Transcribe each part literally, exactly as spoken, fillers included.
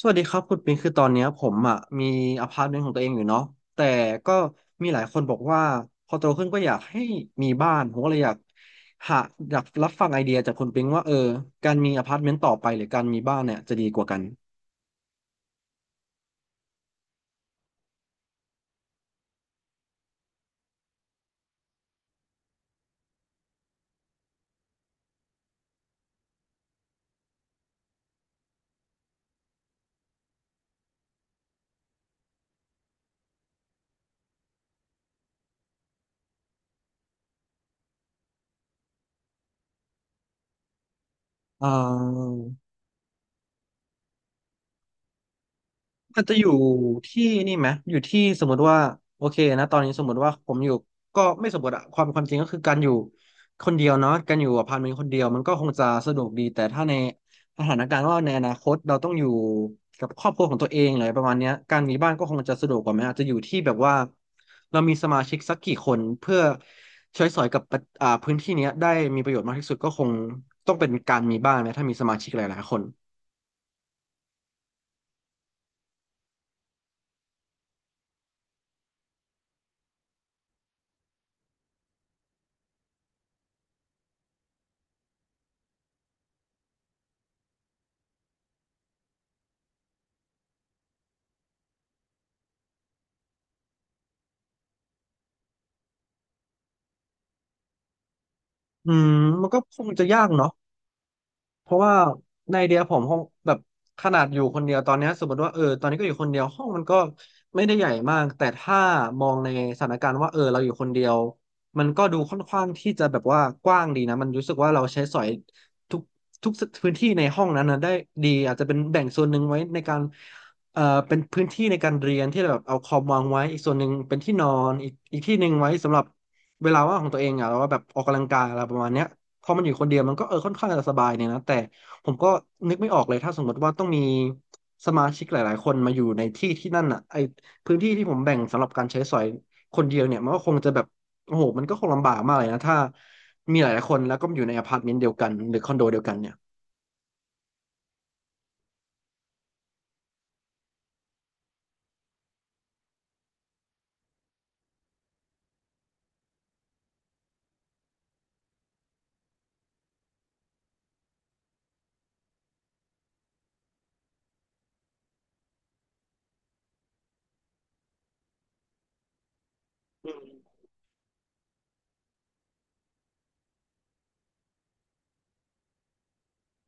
สวัสดีครับคุณปิงคือตอนเนี้ยผมอ่ะมีอพาร์ตเมนต์ของตัวเองอยู่เนาะแต่ก็มีหลายคนบอกว่าพอโตขึ้นก็อยากให้มีบ้านผมก็เลยอยากหาอยากรับฟังไอเดียจากคุณปิงว่าเออการมีอพาร์ตเมนต์ต่อไปหรือการมีบ้านเนี่ยจะดีกว่ากันอ่า มันจะอยู่ที่นี่ไหมอยู่ที่สมมติว่าโอเคนะตอนนี้สมมติว่าผมอยู่ก็ไม่สมมติอะความความจริงก็คือการอยู่คนเดียวเนาะการอยู่อพาร์ตเมนต์คนเดียวมันก็คงจะสะดวกดี แต่ถ้าในสถานการณ์ว่าในอนาคตเราต้องอยู่กับครอบครัวของตัวเองอะไรประมาณเนี้ยการมีบ้านก็คงจะสะดวกกว่าไหมอาจจะอยู่ที่แบบว่าเรามีสมาชิกสักกี่คนเพื่อใช้สอยกับปะอ่าพื้นที่เนี้ยได้มีประโยชน์มากที่สุดก็คงต้องเป็นการมีบ้านไหมถ้ามีสมาชิกหลายๆคนอืมมันก็คงจะยากเนาะ เพราะว่าในไอเดียผมห้องแบบขนาดอยู่คนเดียวตอนเนี้ยสมมติว่าเออตอนนี้ก็อยู่คนเดียวห้องมันก็ไม่ได้ใหญ่มากแต่ถ้ามองในสถานการณ์ว่าเออเราอยู่คนเดียวมันก็ดูค่อนข้างที่จะแบบว่ากว้างดีนะมันรู้สึกว่าเราใช้สอยทุกทุกพื้นที่ในห้องนั้นนะได้ดีอาจจะเป็นแบ่งส่วนหนึ่งไว้ในการเอ่อเป็นพื้นที่ในการเรียนที่แบบเอาคอมวางไว้อีกส่วนหนึ่งเป็นที่นอนอีกอีกที่หนึ่งไว้สำหรับเวลาว่างของตัวเองอ่ะแล้วาแบบออกกำลังกายอะไรประมาณเนี้ย พอมันอยู่คนเดียวมันก็เออค่อนข้างจะสบายเนี่ยนะแต่ผมก็นึกไม่ออกเลยถ้าสมมติว่าต้องมีสมาชิกหลายๆคนมาอยู่ในที่ที่นั่นอ่ะไอพื้นที่ที่ผมแบ่งสำหรับการใช้สอยคนเดียวเนี่ยมันก็คงจะแบบโอ้โหมันก็คงลำบากมากเลยนะถ้ามีหลายๆคนแล้วก็อยู่ในอพาร์ตเมนต์เดียวกันหรือคอนโดเดียวกันเนี่ย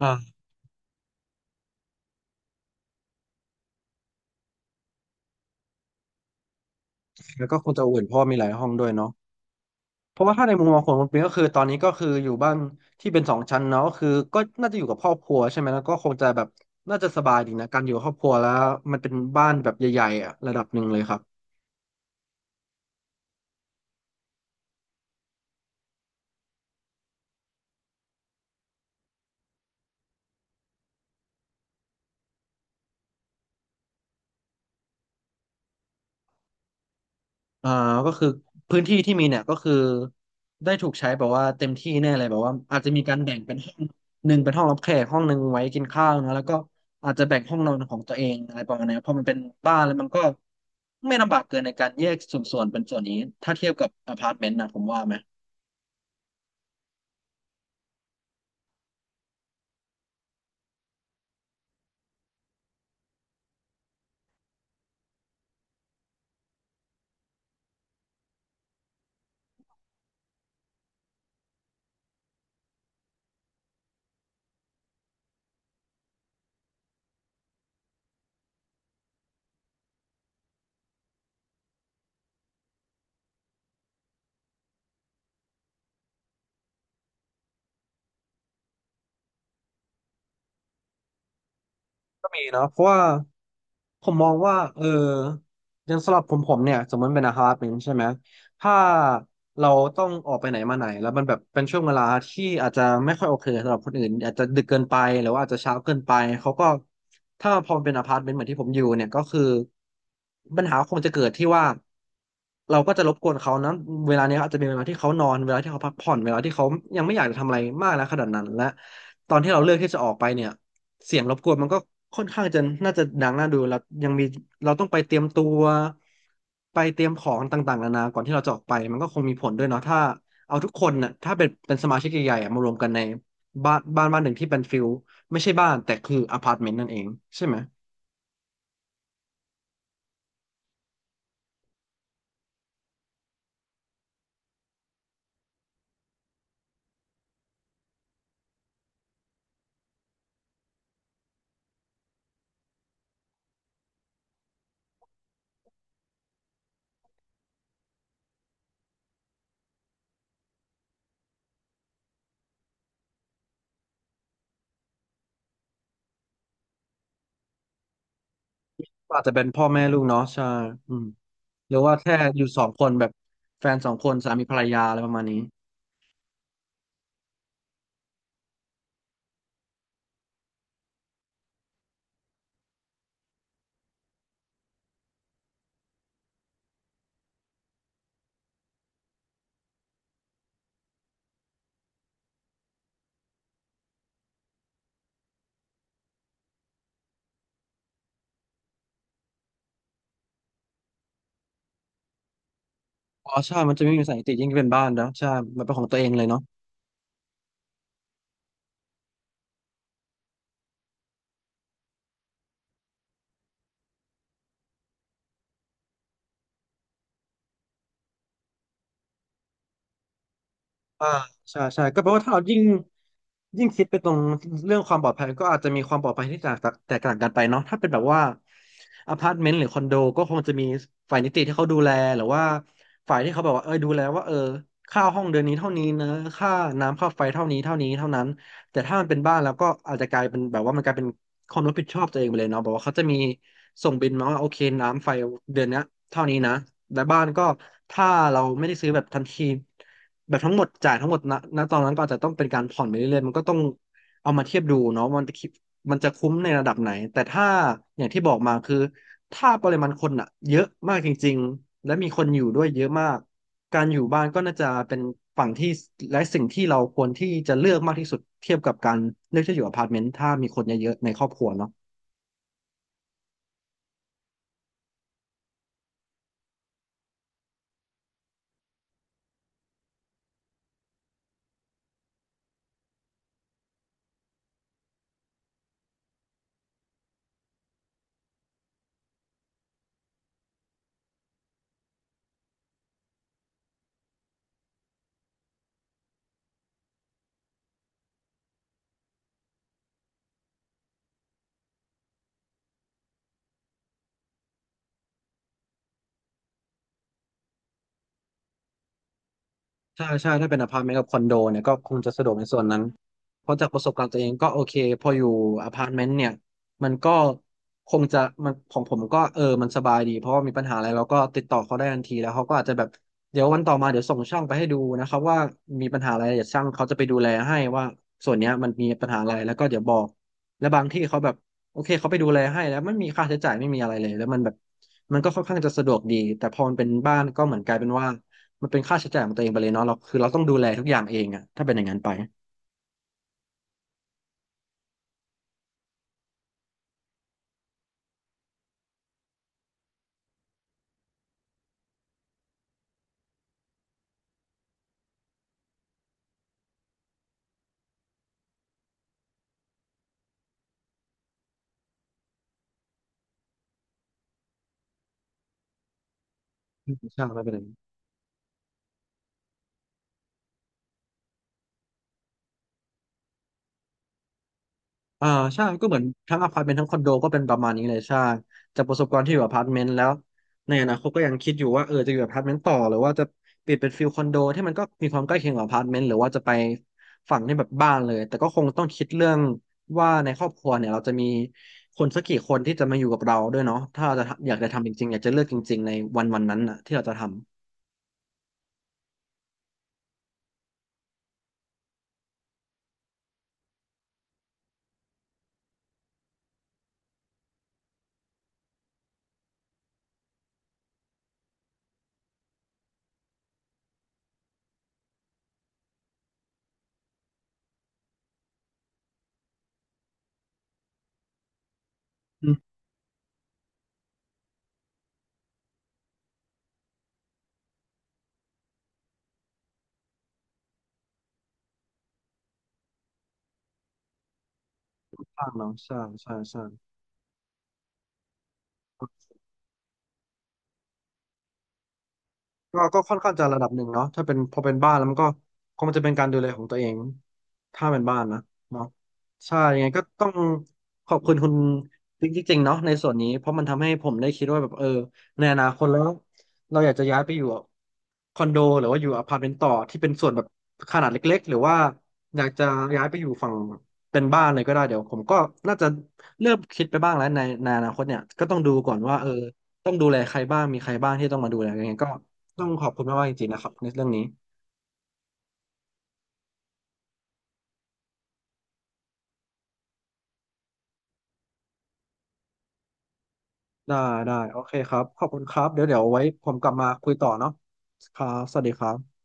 อ่าแล้วก็คงจะอเวอนเพราะว่ามีหลายห้องด้วยเนาะ เพราะว่าถ้าในมุมมองของคุณปิงก็คือตอนนี้ก็คืออยู่บ้านที่เป็นสองชั้นเนาะก็คือก็น่าจะอยู่กับครอบครัวใช่ไหมแล้วก็คงจะแบบน่าจะสบายดีนะการอยู่กับครอบครัวแล้วมันเป็นบ้านแบบใหญ่ๆอะระดับหนึ่งเลยครับอ่าก็คือพื้นที่ที่มีเนี่ยก็คือได้ถูกใช้แบบว่าเต็มที่แน่เลยแบบว่าอาจจะมีการแบ่งเป็นห้องหนึ่งเป็นห้องรับแขกห้องหนึ่งไว้กินข้าวนะแล้วก็อาจจะแบ่งห้องนอนของตัวเองอะไรประมาณนี้เพราะมันเป็นบ้านแล้วมันก็ไม่ลำบากเกินในการแยกส่วนๆเป็นส่วนนี้ถ้าเทียบกับอพาร์ตเมนต์นะผมว่าไหม ก็มีเนาะเพราะว่าผมมองว่าเอออย่างสำหรับผมผมเนี่ยสมมติเป็นอพาร์ตเมนต์ใช่ไหมถ้าเราต้องออกไปไหนมาไหนแล้วมันแบบเป็นช่วงเวลาที่อาจจะไม่ค่อยโอเคสำหรับคนอื่นอาจจะดึกเกินไปหรือว่าอาจจะเช้าเกินไปเขาก็ถ้าพอมันเป็นอพาร์ตเมนต์เหมือนที่ผมอยู่เนี่ยก็คือปัญหาคงจะเกิดที่ว่าเราก็จะรบกวนเขานะเวลาเนี้ยอาจจะเป็นเวลาที่เขานอนเวลาที่เขาพักผ่อนเวลาที่เขายังไม่อยากจะทำอะไรมากนะขนาดนั้นและตอนที่เราเลือกที่จะออกไปเนี่ย เสียงรบกวนมันก็ค่อนข้างจะน่าจะดังน่าดูแล้วยังมีเราต้องไปเตรียมตัวไปเตรียมของต่างๆนานาก่อนที่เราจะออกไปมันก็คงมีผลด้วยเนาะถ้าเอาทุกคนน่ะถ้าเป็นเป็นสมาชิกใหญ่ๆอะมารวมกันในบ้านบ้านบ้านหนึ่งที่เป็นฟิลไม่ใช่บ้านแต่คืออพาร์ตเมนต์นั่นเองใช่ไหมก็อาจจะเป็นพ่อแม่ลูกเนาะใช่อืมหรือว่าแค่อยู่สองคนแบบแฟนสองคนสามีภรรยาอะไรประมาณนี้อ๋อใช่มันจะไม่มีสายติยิ่งเป็นบ้านเนาะใช่มันเป็นของตัวเองเลยเนาะ อ่าใช่ใช่ก็แปลว่าถ้าเรายิ่งยิ่งคิดไปตรงเรื่องความปลอดภัยก็อาจจะมีความปลอดภัยที่แตกแตกต่างกันไปเนาะถ้าเป็นแบบว่าอพาร์ตเมนต์หรือคอนโดก็คงจะมีฝ่ายนิติที่เขาดูแลหรือว่าฝ่ายที่เขาแบบว่าเออดูแลว่าเออค่าห้องเดือนนี้เท่านี้นะค่าน้ำค่าไฟเท่านี้เท่านี้เท่านั้นแต่ถ้ามันเป็นบ้านแล้วก็อาจจะกลายเป็นแบบว่ามันกลายเป็นความรับผิดชอบตัวเองไปเลยเนาะบอกว่าเขาจะมีส่งบิลมาว่าโอเคน้ำไฟเดือนเนี้ยเท่านี้นะและบ้านก็ถ้าเราไม่ได้ซื้อแบบทันที แบบทั้งหมดจ่ายทั้งหมดณณตอนนั้นก็อาจจะต้องเป็นการผ่อนไปเรื่อยๆมันก็ต้องเอามาเทียบดูเนาะมันจะคิดมันจะคุ้มในระดับไหนแต่ถ้าอย่างที่บอกมาคือถ้าปริมาณคนอะเยอะมากจริงๆและมีคนอยู่ด้วยเยอะมากการอยู่บ้านก็น่าจะเป็นฝั่งที่และสิ่งที่เราควรที่จะเลือกมากที่สุดเทียบกับการเลือกที่จะอยู่อพาร์ตเมนต์ถ้ามีคนเยอะๆในครอบครัวเนาะ ใช่ใช่ถ้าเป็นอพาร์ตเมนต์กับคอนโดเนี่ยก็คงจะสะดวกในส่วนนั้นเพราะจากประสบการณ์ตัวเองก็โอเคพออยู่อพาร์ตเมนต์เนี่ยมันก็คงจะมันของผมก็เออมันสบายดีเพราะว่ามีปัญหาอะไรเราก็ติดต่อเขาได้ทันทีแล้วเขาก็อาจจะแบบเดี๋ยววันต่อมาเดี๋ยวส่งช่างไปให้ดูนะครับว่ามีปัญหาอะไรเดี๋ยวช่างเขาจะไปดูแลให้ว่าส่วนเนี้ยมันมีปัญหาอะไรแล้วก็เดี๋ยวบอกและบางที่เขาแบบโอเคเขาไปดูแลให้แล้วไม่มีค่าใช้จ่ายไม่มีอะไรเลยแล้วมันแบบมันก็ค่อนข้างจะสะดวกดีแต่พอมันเป็นบ้านก็เหมือนกลายเป็นว่า มันเป็นค่าใช้จ่ายของตัวเองไปเลยเนาะเราคือเราต้องดูแลทุกอย่างเองอะถ้าเป็นอย่างนั้นไปอืมใช่ไม่เป็นไรอ่าใช่ก็เหมือนทั้งอพาร์ตเมนต์ทั้งคอนโดก็เป็นประมาณนี้เลยใช่จากประสบการณ์ที่อยู่อพาร์ตเมนต์แล้วในอนาคตก็ยังคิดอยู่ว่าเออจะอยู่อพาร์ตเมนต์ต่อหรือว่าจะเปลี่ยนเป็นฟิลคอนโดที่มันก็มีความใกล้เคียงกับอพาร์ตเมนต์หรือว่าจะไปฝั่งที่แบบบ้านเลยแต่ก็คงต้องคิดเรื่องว่าในครอบครัวเนี่ยเราจะมีคนสักกี่คนที่จะมาอยู่กับเราด้วยเนาะถ้าเราจะทำอยากจะทำจริงๆอยากจะเลือกจริงๆในวันวันนั้นน่ะที่เราจะทำอืมบ้างเนาะใช่ใช่ใช่ ก็ก็ค่อนข้างจะระดับหนึ่งเนาะถ้าเป็นพอเป็นบ้านแล้วมันก็คงจะเป็นการดูแลของตัวเองถ้าเป็นบ้านนะเนาะใช่ยังไงก็ต้องขอบคุณคุณจริงๆเนาะในส่วนนี้เพราะมันทำให้ผมได้คิดว่าแบบเออในอนาคตแล้วเราอยากจะย้ายไปอยู่คอนโดหรือว่าอยู่อพาร์ตเมนต์ต่อที่เป็นส่วนแบบขนาดเล็กๆหรือว่าอยากจะย้ายไปอยู่ฝั่งเป็นบ้านเลยก็ได้เดี๋ยวผมก็น่าจะเริ่มคิดไปบ้างแล้วในในอนาคตเนี่ยก็ต้องดูก่อนว่าเออต้องดูแลใครบ้างมีใครบ้างที่ต้องมาดูแลยังไงก็ ต้องขอบคุณมากๆจริงๆนะครับในเรื่องนี้ได้ได้โอเคครับขอบคุณครับเดี๋ยวเดี๋ยวไว้ผมกลับมาคุยต่อเนาะครับสวัสดีครับ